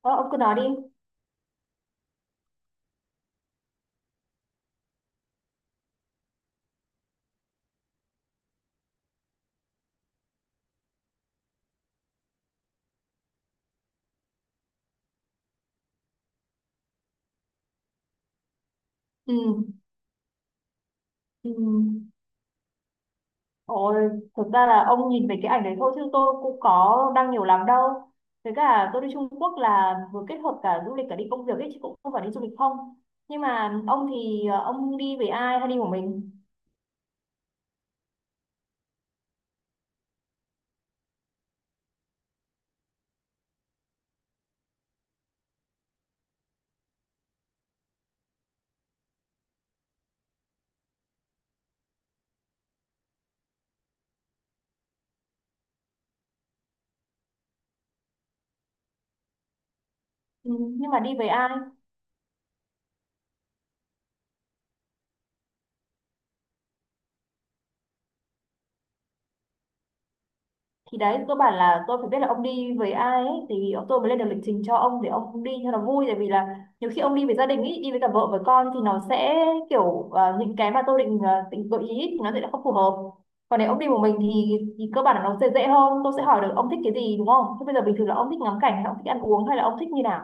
Ờ, ông cứ nói đi. Ừ. Ừ. Ôi, thực ra là ông nhìn về cái ảnh đấy thôi chứ tôi cũng có đăng nhiều lắm đâu. Với cả tôi đi Trung Quốc là vừa kết hợp cả du lịch cả đi công việc ấy chứ cũng không phải đi du lịch không. Nhưng mà ông thì ông đi với ai hay đi một mình? Ừ. Nhưng mà đi với ai? Thì đấy cơ bản là tôi phải biết là ông đi với ai ấy, thì tôi mới lên được lịch trình cho ông để ông đi cho nó vui, tại vì là nhiều khi ông đi với gia đình ý, đi với cả vợ với con thì nó sẽ kiểu những cái mà tôi định định gợi ý ý, thì nó sẽ không phù hợp. Còn nếu ông đi một mình thì cơ bản là nó sẽ dễ hơn. Tôi sẽ hỏi được ông thích cái gì, đúng không? Thế bây giờ bình thường là ông thích ngắm cảnh hay ông thích ăn uống hay là ông thích như nào?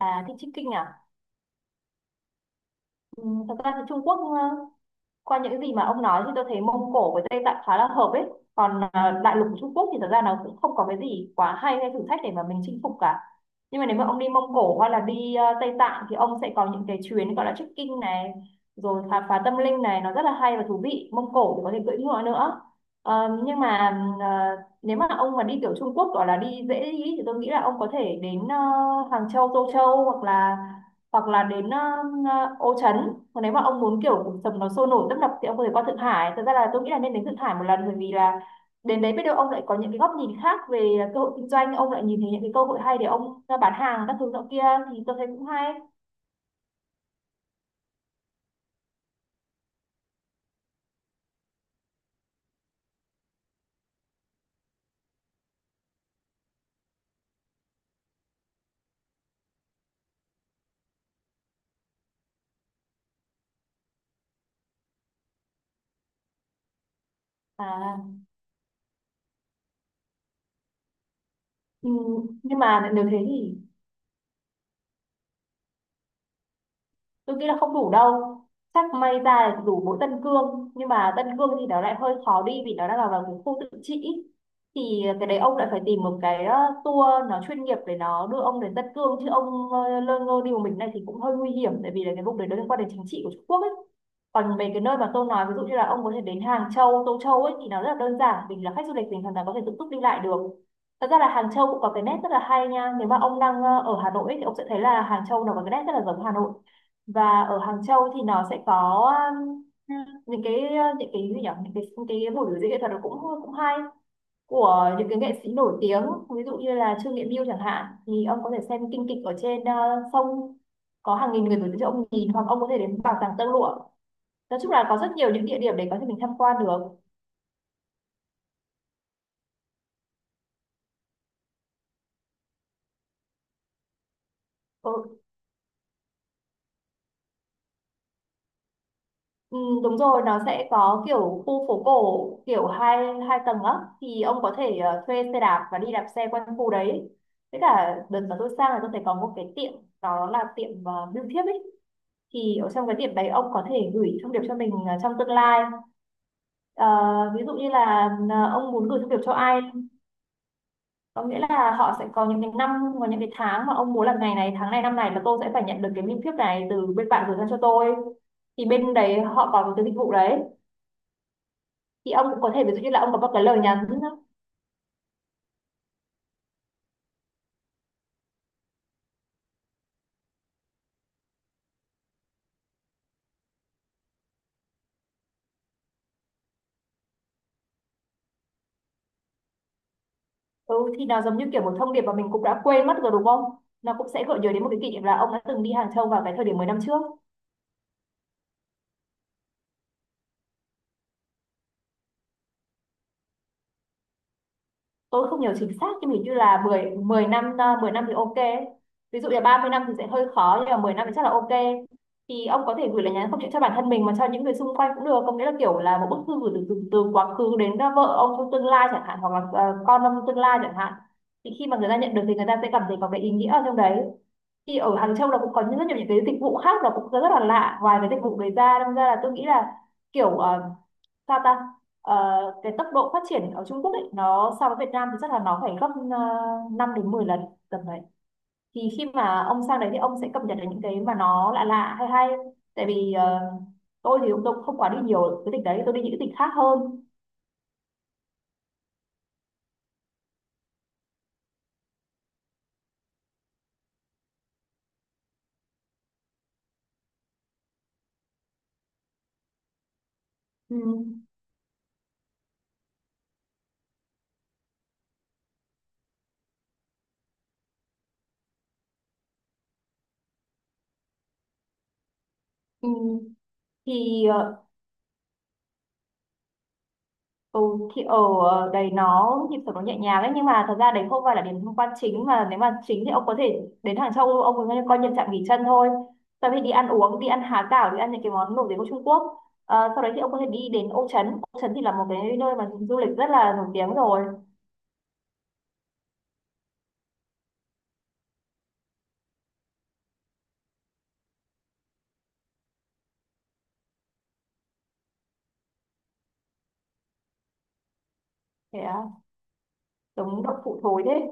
À, thích trekking à? Ừ, thật ra thì Trung Quốc qua những gì mà ông nói thì tôi thấy Mông Cổ với Tây Tạng khá là hợp ấy. Còn à, đại lục của Trung Quốc thì thật ra nó cũng không có cái gì quá hay hay thử thách để mà mình chinh phục cả. Nhưng mà nếu mà ông đi Mông Cổ hay là đi Tây Tạng thì ông sẽ có những cái chuyến gọi là trekking này, rồi khám phá tâm linh này, nó rất là hay và thú vị. Mông Cổ thì có thể cưỡi ngựa nữa. Nhưng mà à, nếu mà ông mà đi kiểu Trung Quốc gọi là đi dễ đi thì tôi nghĩ là ông có thể đến Hàng Châu, Tô Châu, hoặc là đến Ô Trấn. Còn nếu mà ông muốn kiểu cuộc sống nó sôi nổi tấp nập thì ông có thể qua Thượng Hải. Thật ra là tôi nghĩ là nên đến Thượng Hải một lần, bởi vì là đến đấy biết đâu ông lại có những cái góc nhìn khác về cơ hội kinh doanh, ông lại nhìn thấy những cái cơ hội hay để ông bán hàng các thứ nọ kia, thì tôi thấy cũng hay. à, ừ, nhưng mà nếu thế thì tôi nghĩ là không đủ đâu. Chắc may ra là đủ mỗi Tân Cương, nhưng mà Tân Cương thì nó lại hơi khó đi vì nó đang là vào cái khu tự trị. Thì cái đấy ông lại phải tìm một cái tour nó chuyên nghiệp để nó đưa ông đến Tân Cương, chứ ông lơ ngơ đi một mình này thì cũng hơi nguy hiểm, tại vì là cái vùng đấy nó liên quan đến chính trị của Trung Quốc ấy. Còn mấy cái nơi mà tôi nói ví dụ như là ông có thể đến Hàng Châu, Tô Châu ấy thì nó rất là đơn giản, vì là khách du lịch mình hoàn toàn có thể tự túc đi lại được. Thật ra là Hàng Châu cũng có cái nét rất là hay nha. Nếu mà ông đang ở Hà Nội ấy, thì ông sẽ thấy là Hàng Châu nó có cái nét rất là giống Hà Nội. Và ở Hàng Châu thì nó sẽ có um, những cái gì nhỉ, những cái buổi biểu diễn nghệ thuật, nó cũng cũng hay, của những cái nghệ sĩ nổi tiếng, ví dụ như là Trương Nghệ Mưu chẳng hạn. Thì ông có thể xem kinh kịch ở trên sông, có hàng nghìn người biểu diễn cho ông nhìn, hoặc ông có thể đến bảo tàng tơ lụa. Nói chung là có rất nhiều những địa điểm để có thể mình tham quan được. Ừ, Ừ, đúng rồi, nó sẽ có kiểu khu phố cổ kiểu hai hai tầng á. Thì ông có thể thuê xe đạp và đi đạp xe quanh khu đấy. Với cả đợt mà tôi sang là tôi thấy có một cái tiệm, đó là tiệm bưu thiếp ấy. Thì ở trong cái tiệm đấy ông có thể gửi thông điệp cho mình trong tương lai. Ờ, Ví dụ như là ông muốn gửi thông điệp cho ai, có nghĩa là họ sẽ có những cái năm, có những cái tháng mà ông muốn là ngày này tháng này năm này là tôi sẽ phải nhận được cái bưu thiếp này từ bên bạn gửi sang cho tôi. Thì bên đấy họ có cái dịch vụ đấy. Thì ông cũng có thể ví dụ như là ông có một cái lời nhắn. Ừ, thì nó giống như kiểu một thông điệp mà mình cũng đã quên mất rồi, đúng không? Nó cũng sẽ gợi nhớ đến một cái kỷ niệm là ông đã từng đi Hàng Châu vào cái thời điểm 10 năm trước. Tôi không nhớ chính xác nhưng hình như là 10 10 năm, à, 10 năm thì ok. Ví dụ là 30 năm thì sẽ hơi khó, nhưng mà 10 năm thì chắc là ok. Thì ông có thể gửi lời nhắn không chỉ cho bản thân mình mà cho những người xung quanh cũng được, có nghĩa là kiểu là một bức thư gửi từ từ, từ quá khứ đến vợ ông trong tương lai chẳng hạn, hoặc là con ông tương lai chẳng hạn. Thì khi mà người ta nhận được thì người ta sẽ cảm thấy có cái ý nghĩa ở trong đấy. Thì ở Hàng Châu là cũng có những rất nhiều những cái dịch vụ khác là cũng rất là lạ, ngoài cái dịch vụ đấy ra. Đâm ra là tôi nghĩ là kiểu sao ta. Ờ, cái tốc độ phát triển ở Trung Quốc ấy, nó so với Việt Nam thì chắc là nó phải gấp 5 đến 10 lần, tầm đấy. Thì khi mà ông sang đấy thì ông sẽ cập nhật được những cái mà nó lạ lạ hay hay, tại vì tôi thì tôi cũng không quá đi nhiều cái tỉnh đấy, tôi đi những cái tỉnh khác hơn. Ừ. Ừ. Thì Ừ, thì ở đấy nó nhịp sống nó nhẹ nhàng đấy, nhưng mà thật ra đấy không phải là điểm tham quan chính, mà nếu mà chính thì ông có thể đến Hàng Châu, ông có coi như trạm nghỉ chân thôi, sau khi đi ăn uống, đi ăn há cảo, đi ăn những cái món nổi tiếng của Trung Quốc. Sau đấy thì ông có thể đi đến Ô Trấn. Ô Trấn thì là một cái nơi mà du lịch rất là nổi tiếng rồi. Thế à? Giống đậu phụ thối thế?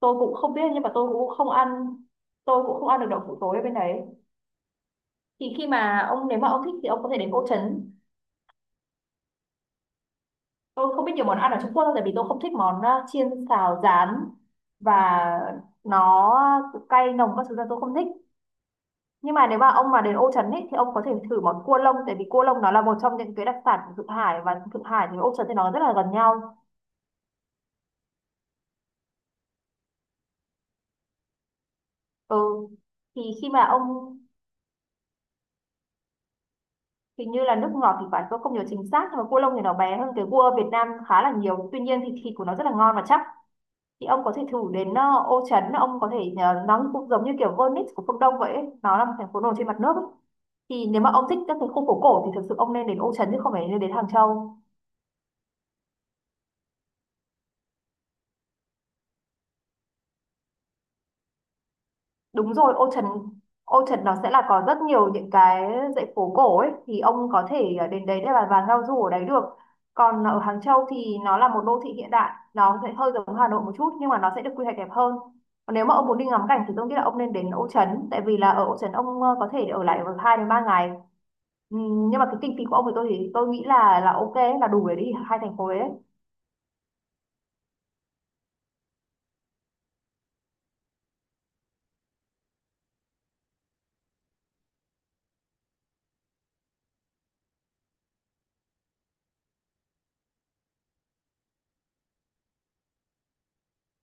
Tôi cũng không biết nhưng mà tôi cũng không ăn. Tôi cũng không ăn được đậu phụ thối ở bên đấy. Thì khi mà ông, nếu mà ông thích thì ông có thể đến Ô Trấn. Tôi không biết nhiều món ăn ở Trung Quốc đâu, tại vì tôi không thích món chiên xào rán, và nó cay nồng các thứ, là tôi không thích. Nhưng mà nếu mà ông mà đến Ô Trấn ấy, thì ông có thể thử món cua lông, tại vì cua lông nó là một trong những cái đặc sản của Thượng Hải, và Thượng Hải thì Ô Trấn thì nó rất là gần nhau. Ừ, thì khi mà ông, hình như là nước ngọt thì phải, tôi không nhớ chính xác, nhưng mà cua lông thì nó bé hơn cái cua Việt Nam khá là nhiều, tuy nhiên thì thịt của nó rất là ngon và chắc. Thì ông có thể thử đến Ô Trấn, ông có thể nó cũng giống như kiểu Venice của phương Đông vậy ấy. Nó là một thành phố nổi trên mặt nước ấy. Thì nếu mà ông thích các cái khu phố cổ thì thực sự ông nên đến Ô Trấn chứ không phải nên đến Hàng Châu. Đúng rồi, ô trần, ô trần nó sẽ là có rất nhiều những cái dãy phố cổ ấy. Thì ông có thể đến đấy để mà vào giao du ở đấy được. Còn ở Hàng Châu thì nó là một đô thị hiện đại, nó sẽ hơi giống Hà Nội một chút nhưng mà nó sẽ được quy hoạch đẹp hơn. Còn nếu mà ông muốn đi ngắm cảnh thì tôi nghĩ là ông nên đến Ô Trấn, tại vì là ở Ô Trấn ông có thể ở lại được 2 đến 3 ngày. Nhưng mà cái kinh phí của ông thì tôi nghĩ là ok, là đủ để đi hai thành phố đấy.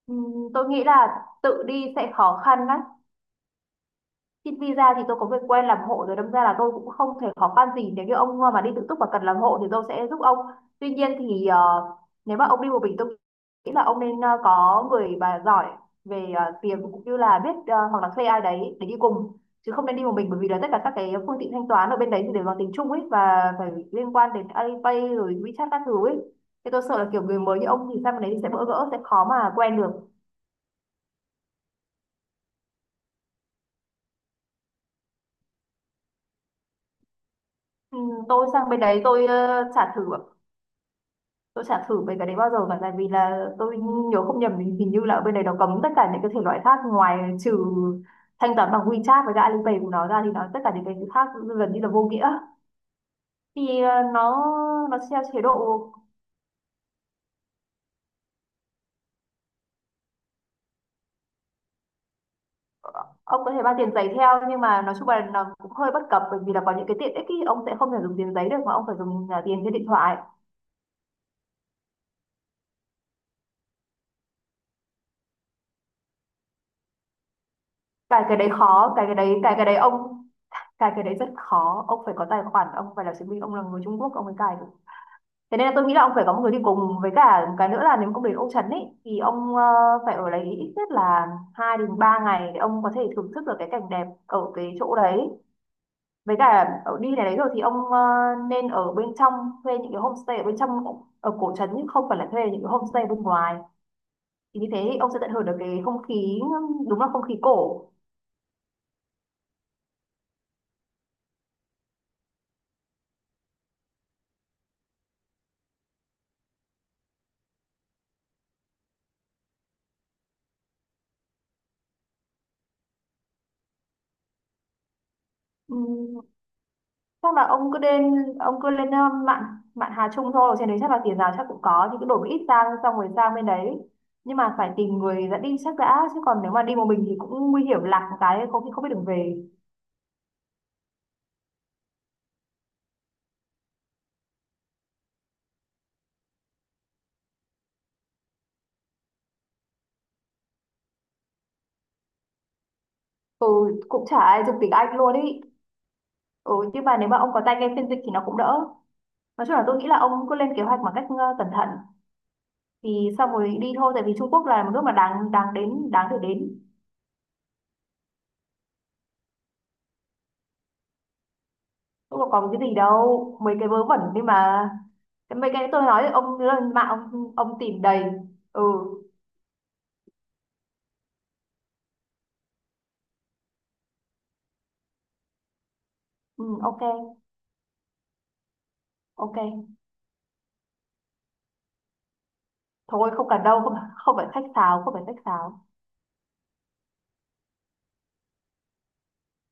Ừm, tôi nghĩ là tự đi sẽ khó khăn đấy. Xin visa thì tôi có người quen làm hộ rồi, đâm ra là tôi cũng không thể khó khăn gì. Nếu như ông mà đi tự túc và cần làm hộ thì tôi sẽ giúp ông. Tuy nhiên thì nếu mà ông đi một mình, tôi nghĩ là ông nên có người mà giỏi về tiền, cũng như là biết, hoặc là thuê ai đấy để đi cùng, chứ không nên đi một mình. Bởi vì là tất cả các cái phương tiện thanh toán ở bên đấy thì đều bằng tiếng Trung ấy, và phải liên quan đến Alipay rồi WeChat các thứ ấy. Thì tôi sợ là kiểu người mới như ông thì sang bên đấy thì sẽ bỡ ngỡ, sẽ khó mà quen được. Ừ, tôi sang bên đấy tôi, chả thử, tôi chả thử về cái đấy bao giờ cả. Tại vì là tôi nhớ không nhầm thì hình như là ở bên đấy nó cấm tất cả những cái thể loại khác, ngoài trừ thanh toán bằng WeChat với cả Alipay của nó ra, thì nó tất cả những cái khác gần như là vô nghĩa. Thì nó theo chế độ. Ờ, ông có thể mang tiền giấy theo, nhưng mà nói chung là nó cũng hơi bất cập, bởi vì là có những cái tiện ích ý, ông sẽ không thể dùng tiền giấy được mà ông phải dùng, à, tiền trên điện thoại. Cái đấy khó, cái cái đấy ông, cái đấy rất khó. Ông phải có tài khoản, ông phải là chứng minh ông là người Trung Quốc ông mới cài được. Thế nên là tôi nghĩ là ông phải có một người đi cùng. Với cả một cái nữa là nếu mà ông đến Ô Trấn ấy thì ông, phải ở đấy ít nhất là 2 đến 3 ngày, để ông có thể thưởng thức được cái cảnh đẹp ở cái chỗ đấy. Với cả ở đi này đấy rồi thì ông, nên ở bên trong, thuê những cái homestay ở bên trong ở cổ trấn, nhưng không phải là thuê những cái homestay bên ngoài. Thì như thế ông sẽ tận hưởng được cái không khí, đúng là không khí cổ. Ừm, Chắc là ông cứ lên, mạn mạn Hà Trung thôi, trên đấy chắc là tiền nào chắc cũng có, thì cứ đổi một ít sang xong rồi sang bên đấy. Nhưng mà phải tìm người dẫn đi chắc đã, chứ còn nếu mà đi một mình thì cũng nguy hiểm, lạc một cái không, khi không biết đường về. Ừ, cũng chả ai dùng tiếng Anh luôn ý. Ừ, nhưng mà nếu mà ông có tay nghe phiên dịch thì nó cũng đỡ. Nói chung là tôi nghĩ là ông cứ lên kế hoạch một cách, cẩn thận, thì xong rồi đi thôi. Tại vì Trung Quốc là một nước mà đáng đáng đến, đáng để đến. Cũng có còn cái gì đâu, mấy cái vớ vẩn đi mà. Cái- mấy cái tôi nói thì ông lên mạng ông tìm đầy. Ừ, ừ. Ok, ok. Thôi không cần đâu, không, không phải khách sáo.